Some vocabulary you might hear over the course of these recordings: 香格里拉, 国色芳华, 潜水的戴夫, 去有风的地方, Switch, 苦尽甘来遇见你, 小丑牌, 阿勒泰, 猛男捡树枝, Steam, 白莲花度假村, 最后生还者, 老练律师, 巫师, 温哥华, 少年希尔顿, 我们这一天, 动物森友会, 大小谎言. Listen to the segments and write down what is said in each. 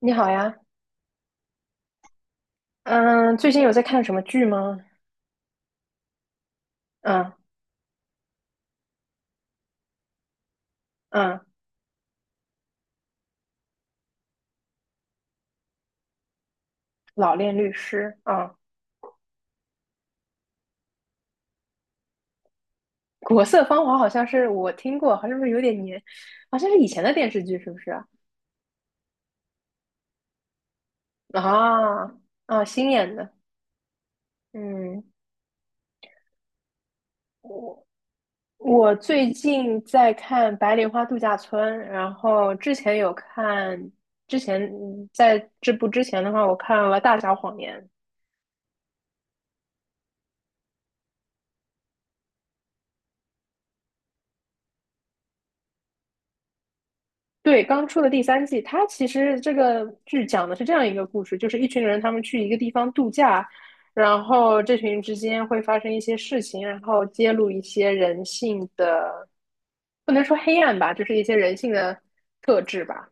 你好呀。嗯，最近有在看什么剧吗？嗯嗯。《老练律师》啊。国色芳华》好像是我听过，好像是不是有点年，好像是以前的电视剧，是不是啊？啊啊，新演的。嗯，我我最近在看《白莲花度假村》，然后之前有看，之前在这部之前的话，我看了《大小谎言》。对，刚出的第三季，它其实这个剧讲的是这样一个故事，就是一群人他们去一个地方度假，然后这群人之间会发生一些事情，然后揭露一些人性的，不能说黑暗吧，就是一些人性的特质吧。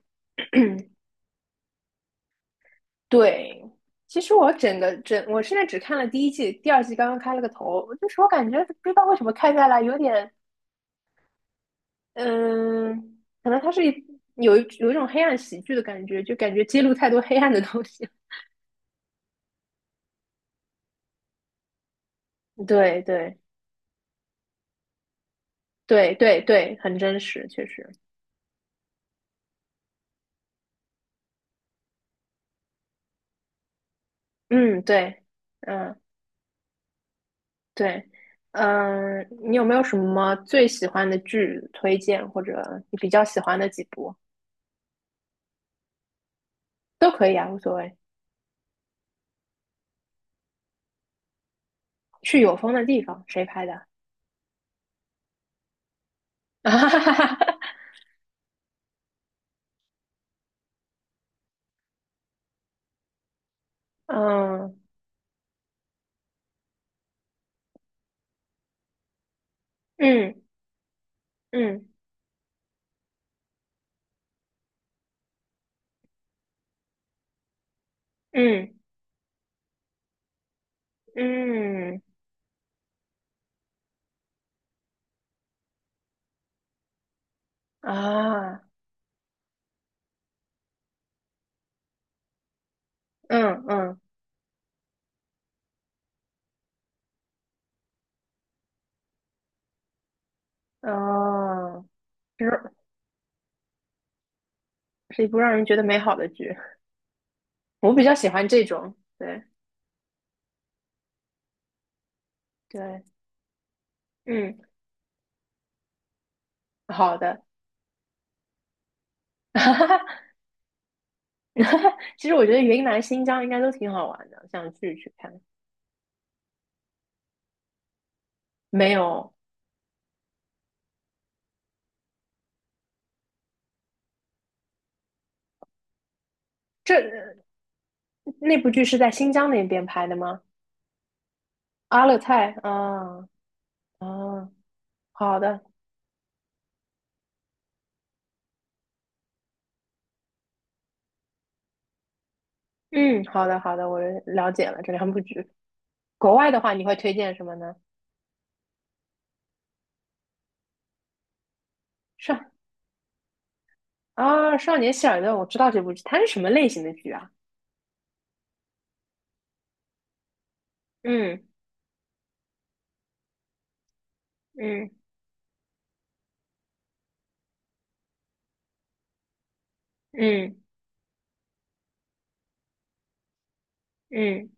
对，其实我整个整，我现在只看了第一季，第二季刚刚开了个头，就是我感觉不知道为什么看下来有点，嗯，可能它是一种黑暗喜剧的感觉，就感觉揭露太多黑暗的东西。对对对对对，很真实，确实。嗯，对，嗯对，你有没有什么最喜欢的剧推荐，或者你比较喜欢的几部都可以啊，无所谓。去有风的地方，谁拍的？嗯嗯嗯嗯嗯啊。嗯嗯哦。是是一部让人觉得美好的剧。我比较喜欢这种，对对，嗯，好的。其实我觉得云南、新疆应该都挺好玩的，想去看。没有。这那部剧是在新疆那边拍的吗？阿勒泰啊啊，好的，嗯，好的好的，我了解了这两部剧。国外的话，你会推荐什么呢？少少年希尔顿，我知道这部剧，它是什么类型的剧啊？嗯嗯嗯嗯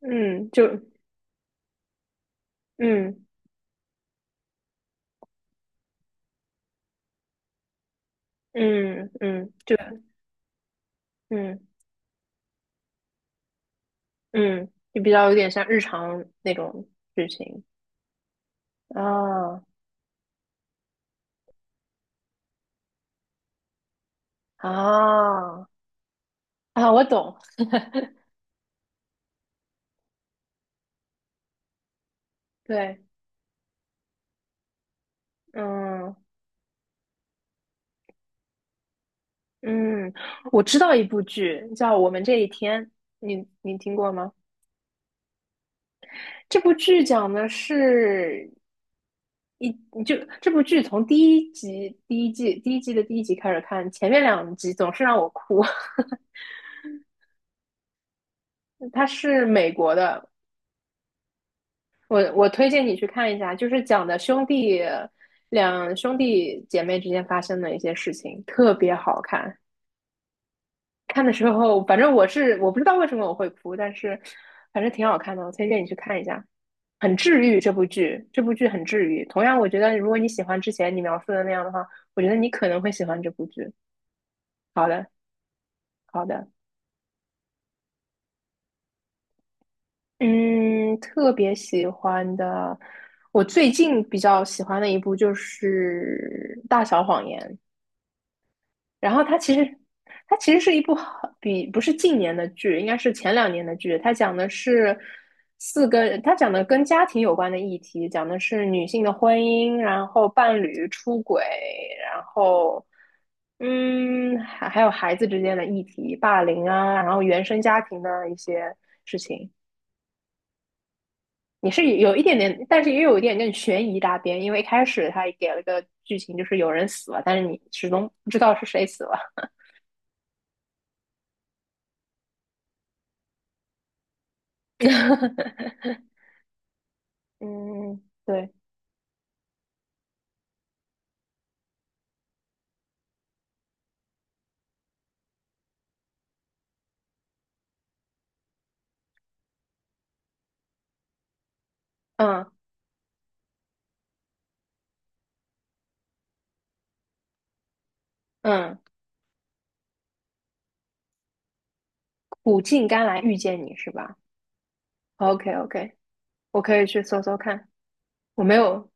嗯。就嗯嗯，就嗯嗯，就比较有点像日常那种剧情。啊啊啊！我懂，对，嗯嗯，我知道一部剧叫《我们这一天》，你听过吗？这部剧讲的是一就这部剧从第一集第一季的第一集开始看，前面两集总是让我哭。它是美国的。我推荐你去看一下，就是讲的两兄弟姐妹之间发生的一些事情，特别好看。看的时候，反正我不知道为什么我会哭，但是反正挺好看的，我推荐你去看一下，很治愈。这部剧很治愈。同样，我觉得如果你喜欢之前你描述的那样的话，我觉得你可能会喜欢这部剧。好的，好的，嗯，特别喜欢的，我最近比较喜欢的一部就是《大小谎言》。然后它其实是一部好比不是近年的剧，应该是前两年的剧。它讲的是四个，它讲的跟家庭有关的议题，讲的是女性的婚姻，然后伴侣出轨，然后还有孩子之间的议题，霸凌啊，然后原生家庭的一些事情。你是有一点点，但是也有一点点悬疑大边，因为一开始他也给了个剧情，就是有人死了，但是你始终不知道是谁死了。嗯，嗯对，嗯嗯，苦尽甘来遇见你是吧？OK OK,我可以去搜搜看。我没有，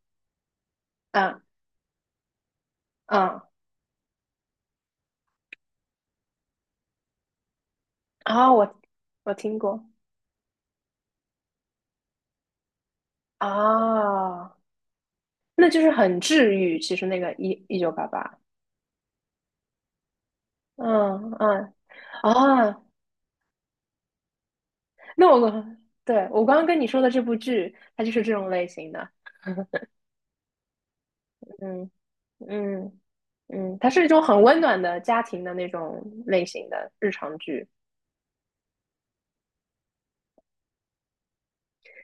嗯嗯，啊、我听过啊、那就是很治愈。其实那个一九八八，嗯嗯啊，那我对我刚刚跟你说的这部剧，它就是这种类型的。嗯嗯嗯，它是一种很温暖的家庭的那种类型的日常剧。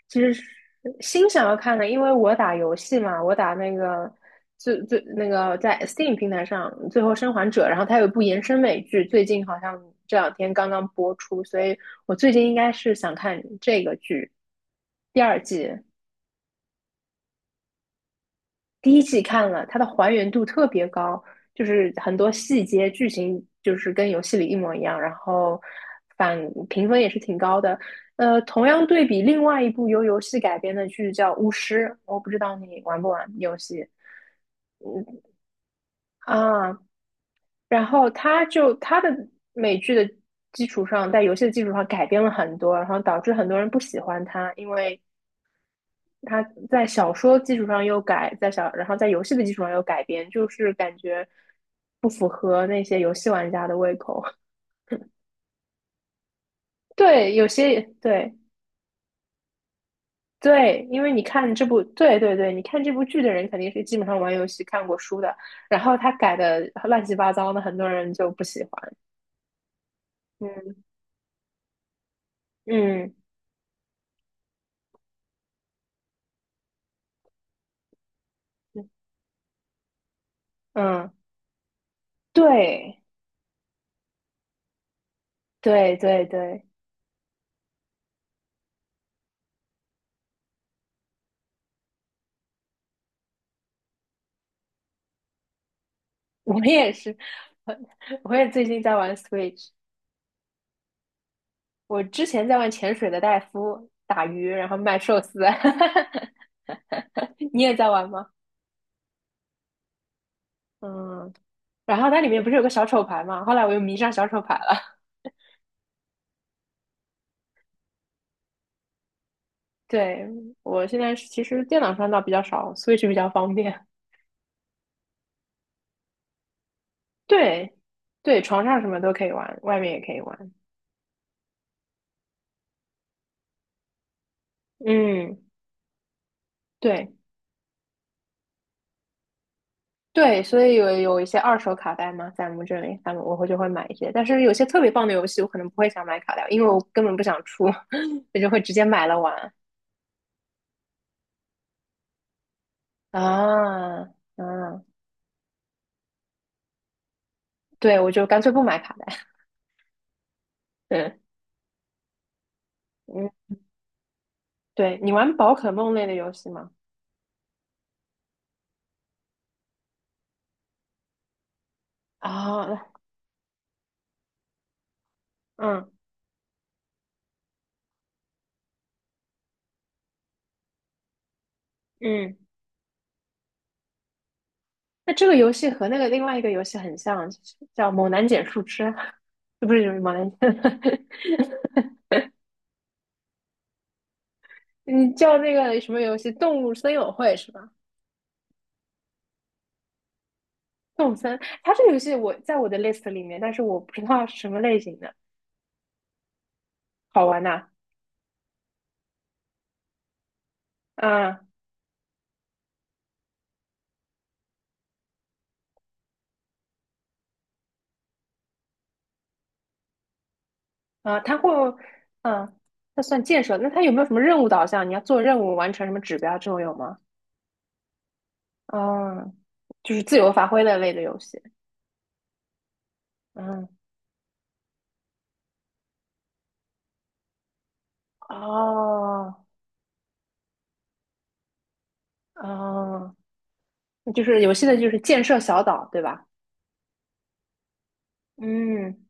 其实是心想要看的，因为我打游戏嘛，我打那个那个在 Steam 平台上《最后生还者》，然后它有一部延伸美剧，最近好像这两天刚刚播出，所以我最近应该是想看这个剧第二季。第一季看了，它的还原度特别高，就是很多细节、剧情就是跟游戏里一模一样，然后反评分也是挺高的。同样对比另外一部由游戏改编的剧叫《巫师》，我不知道你玩不玩游戏啊。然后它的美剧的基础上，在游戏的基础上改编了很多，然后导致很多人不喜欢它，因为它在小说基础上又改，然后在游戏的基础上又改编，就是感觉不符合那些游戏玩家的胃口。对，有些对对，因为你看这部，对对对，你看这部剧的人肯定是基本上玩游戏看过书的，然后他改的乱七八糟的，很多人就不喜欢。嗯嗯嗯，对对对对，我也是，我我也最近在玩 Switch。我之前在玩潜水的戴夫打鱼，然后卖寿司。你也在玩吗？嗯，然后它里面不是有个小丑牌吗？后来我又迷上小丑牌了。对，我现在是其实电脑上倒比较少，Switch 比较方便。对，对，床上什么都可以玩，外面也可以玩。嗯，对对，所以有一些二手卡带嘛，在我们这里，他们我会就会买一些，但是有些特别棒的游戏，我可能不会想买卡带，因为我根本不想出，我就会直接买了玩。啊，嗯，对，我就干脆不买卡带。嗯嗯，对，你玩宝可梦类的游戏吗？啊，嗯嗯，那这个游戏和那个另外一个游戏很像，就是叫《猛男捡树枝》，不是就是猛男捡，你叫那个什么游戏《动物森友会》是吧？动物森，它这个游戏我在我的 list 里面，但是我不知道是什么类型的，好玩呐、啊，啊它会，嗯、它算建设，那它有没有什么任务导向？你要做任务完成什么指标这种有吗？嗯，就是自由发挥的类的游戏。嗯，哦，哦，就是游戏的就是建设小岛，对吧？嗯，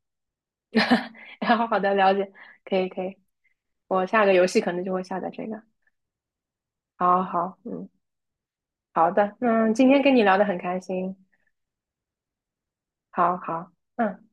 然好的，了解，可以可以，我下个游戏可能就会下载这个。好好，嗯，好的，那今天跟你聊的很开心，好好，嗯。